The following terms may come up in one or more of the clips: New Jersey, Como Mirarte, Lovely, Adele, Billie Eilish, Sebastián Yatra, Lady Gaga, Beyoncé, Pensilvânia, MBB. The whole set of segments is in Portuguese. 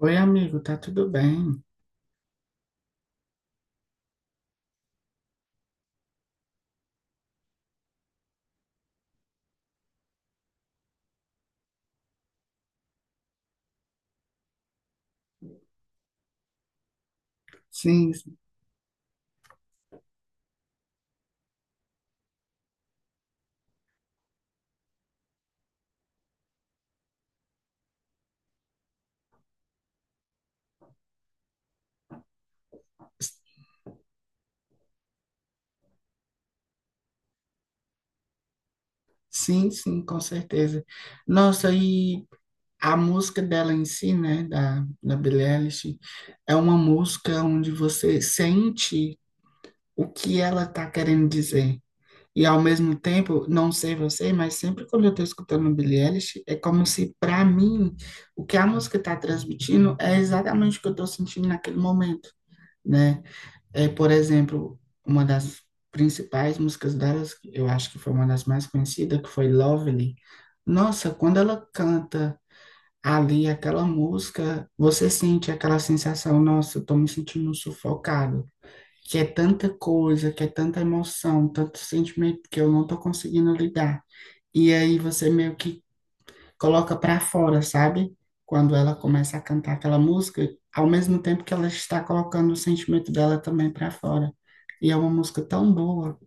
Oi, amigo, tá tudo bem? Sim, sim, com certeza. Nossa, e a música dela em si, né, da Billie Eilish, é uma música onde você sente o que ela tá querendo dizer. E ao mesmo tempo, não sei você, mas sempre quando eu tô escutando a Billie Eilish, é como se, para mim, o que a música tá transmitindo é exatamente o que eu tô sentindo naquele momento. Né? É, por exemplo, uma das principais músicas delas, eu acho que foi uma das mais conhecidas, que foi Lovely. Nossa, quando ela canta ali aquela música, você sente aquela sensação, nossa, eu tô me sentindo sufocado, que é tanta coisa, que é tanta emoção, tanto sentimento que eu não tô conseguindo lidar. E aí você meio que coloca para fora, sabe? Quando ela começa a cantar aquela música, ao mesmo tempo que ela está colocando o sentimento dela também para fora. E é uma música tão boa.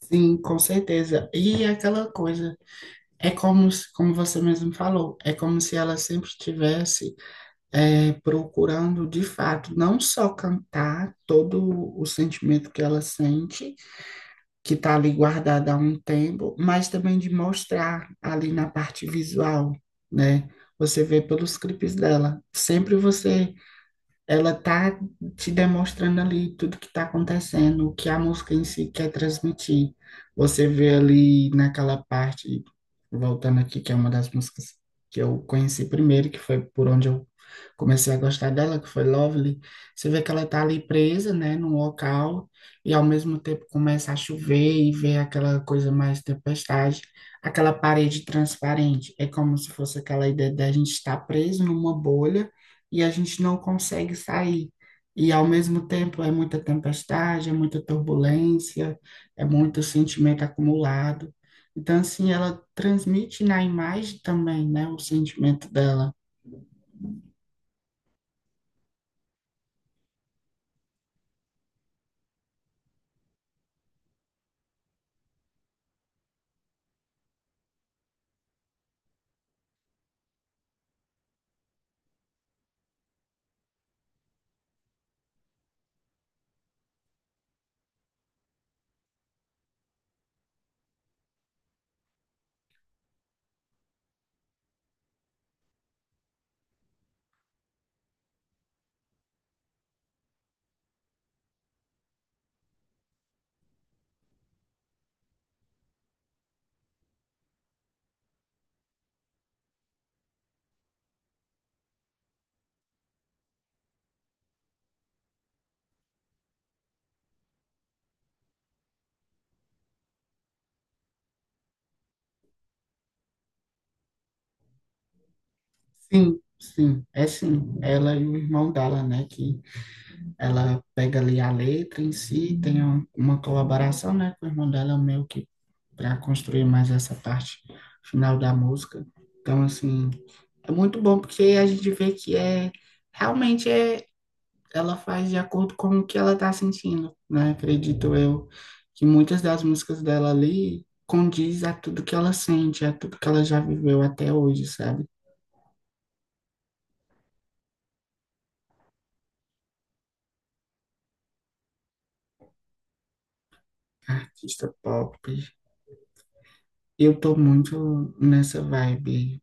Sim, com certeza. E é aquela coisa, é como, como você mesmo falou, é como se ela sempre estivesse procurando, de fato, não só cantar todo o sentimento que ela sente, que está ali guardada há um tempo, mas também de mostrar ali na parte visual, né? Você vê pelos clipes dela. Sempre você ela tá te demonstrando ali tudo que está acontecendo, o que a música em si quer transmitir. Você vê ali naquela parte, voltando aqui, que é uma das músicas que eu conheci primeiro, que foi por onde eu comecei a gostar dela, que foi Lovely. Você vê que ela tá ali presa, né, num local, e ao mesmo tempo começa a chover e vê aquela coisa mais tempestade, aquela parede transparente. É como se fosse aquela ideia da gente estar preso numa bolha e a gente não consegue sair. E ao mesmo tempo é muita tempestade, é muita turbulência, é muito sentimento acumulado. Então, assim, ela transmite na imagem também, né, o sentimento dela. Sim, é sim. Ela e o irmão dela, né, que ela pega ali a letra em si, tem uma colaboração, né, com o irmão dela, meio que para construir mais essa parte final da música. Então, assim, é muito bom porque a gente vê que realmente ela faz de acordo com o que ela tá sentindo, né? Acredito eu que muitas das músicas dela ali condiz a tudo que ela sente, a tudo que ela já viveu até hoje, sabe? Artista pop. Eu tô muito nessa vibe.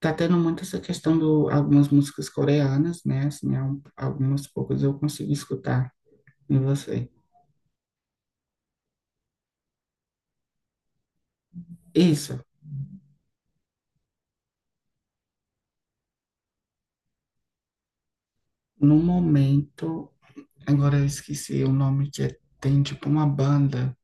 Tá tendo muito essa questão do algumas músicas coreanas, né? Assim, algumas poucas eu consigo escutar em você. Isso, no momento agora eu esqueci o nome tem tipo uma banda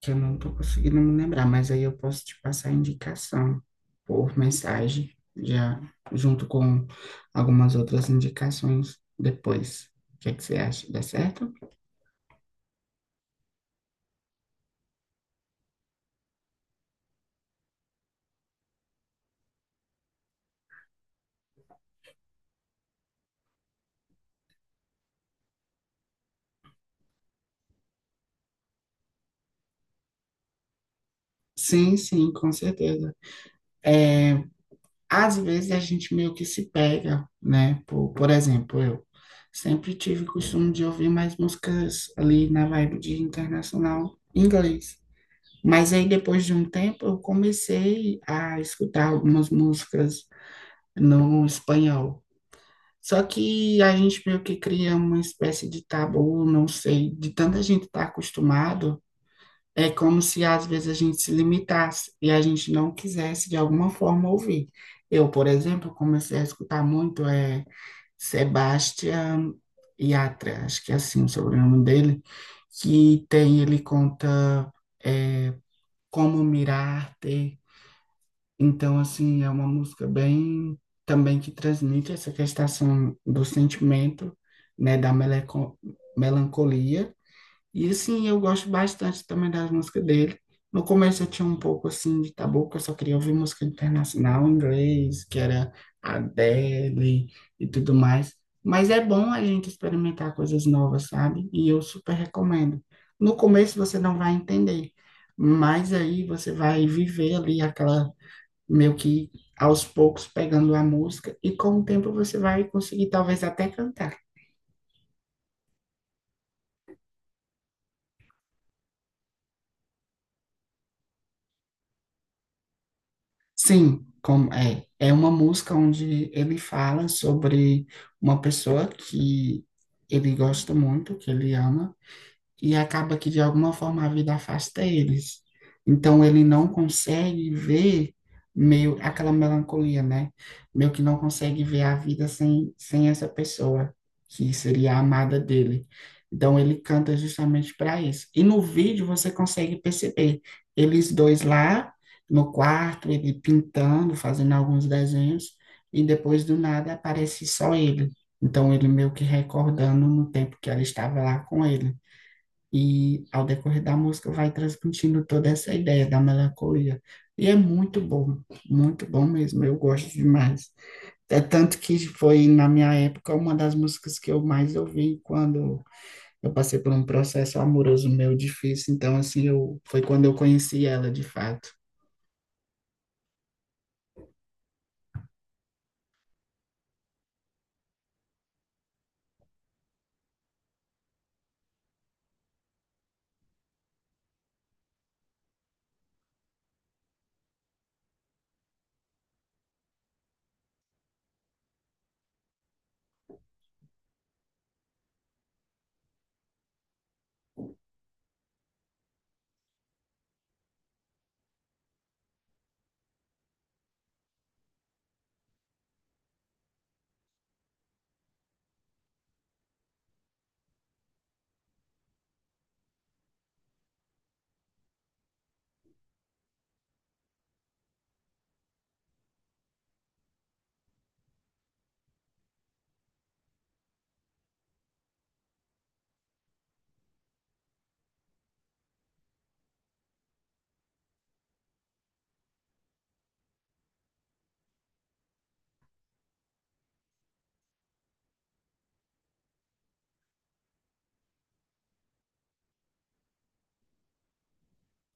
que eu não tô conseguindo me lembrar, mas aí eu posso te passar a indicação por mensagem, já junto com algumas outras indicações depois. O que é que você acha? Dá certo? Sim, com certeza. Às vezes a gente meio que se pega, né? Por exemplo, eu sempre tive o costume de ouvir mais músicas ali na vibe de internacional inglês. Mas aí, depois de um tempo, eu comecei a escutar algumas músicas no espanhol. Só que a gente meio que cria uma espécie de tabu, não sei, de tanta gente estar acostumado, é como se às vezes a gente se limitasse e a gente não quisesse de alguma forma ouvir. Eu, por exemplo, comecei a escutar muito Sebastián Yatra, acho que é assim o sobrenome dele, que tem, ele conta é, Como Mirarte, então, assim, é uma música bem também que transmite essa questão do sentimento, né, da melancolia. E assim, eu gosto bastante também das músicas dele. No começo eu tinha um pouco assim de tabu, que eu só queria ouvir música internacional em inglês, que era Adele e tudo mais. Mas é bom a gente experimentar coisas novas, sabe? E eu super recomendo. No começo você não vai entender, mas aí você vai viver ali aquela meio que aos poucos pegando a música e com o tempo você vai conseguir talvez até cantar. Sim, como é, é uma música onde ele fala sobre uma pessoa que ele gosta muito, que ele ama, e acaba que de alguma forma a vida afasta eles. Então ele não consegue ver meio aquela melancolia, né? Meio que não consegue ver a vida sem essa pessoa que seria a amada dele. Então ele canta justamente para isso. E no vídeo você consegue perceber eles dois lá no quarto, ele pintando, fazendo alguns desenhos, e depois do nada aparece só ele. Então ele meio que recordando no tempo que ela estava lá com ele. E ao decorrer da música vai transmitindo toda essa ideia da melancolia. E é muito bom mesmo, eu gosto demais. É tanto que foi, na minha época, uma das músicas que eu mais ouvi quando eu passei por um processo amoroso meu difícil. Então, assim, eu, foi quando eu conheci ela de fato.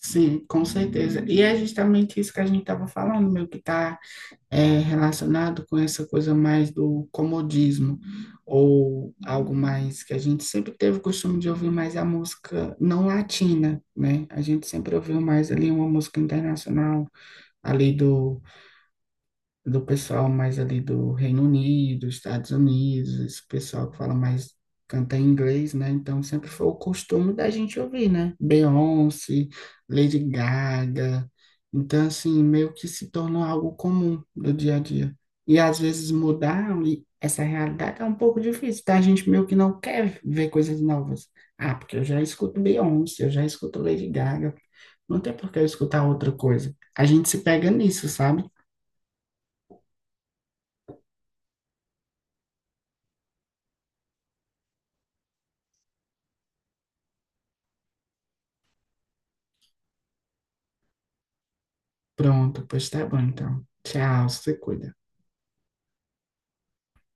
Sim, com certeza. E é justamente isso que a gente estava falando, meu, que está é relacionado com essa coisa mais do comodismo, ou algo mais que a gente sempre teve o costume de ouvir mais a música não latina, né? A gente sempre ouviu mais ali uma música internacional, ali do pessoal mais ali do Reino Unido, Estados Unidos, esse pessoal que fala mais, canta em inglês, né? Então sempre foi o costume da gente ouvir, né? Beyoncé, Lady Gaga. Então, assim, meio que se tornou algo comum do dia a dia. E às vezes mudar e essa realidade é um pouco difícil, tá? A gente meio que não quer ver coisas novas. Ah, porque eu já escuto Beyoncé, eu já escuto Lady Gaga. Não tem por que eu escutar outra coisa. A gente se pega nisso, sabe? Pronto, pois tá bom então. Tchau, se cuida.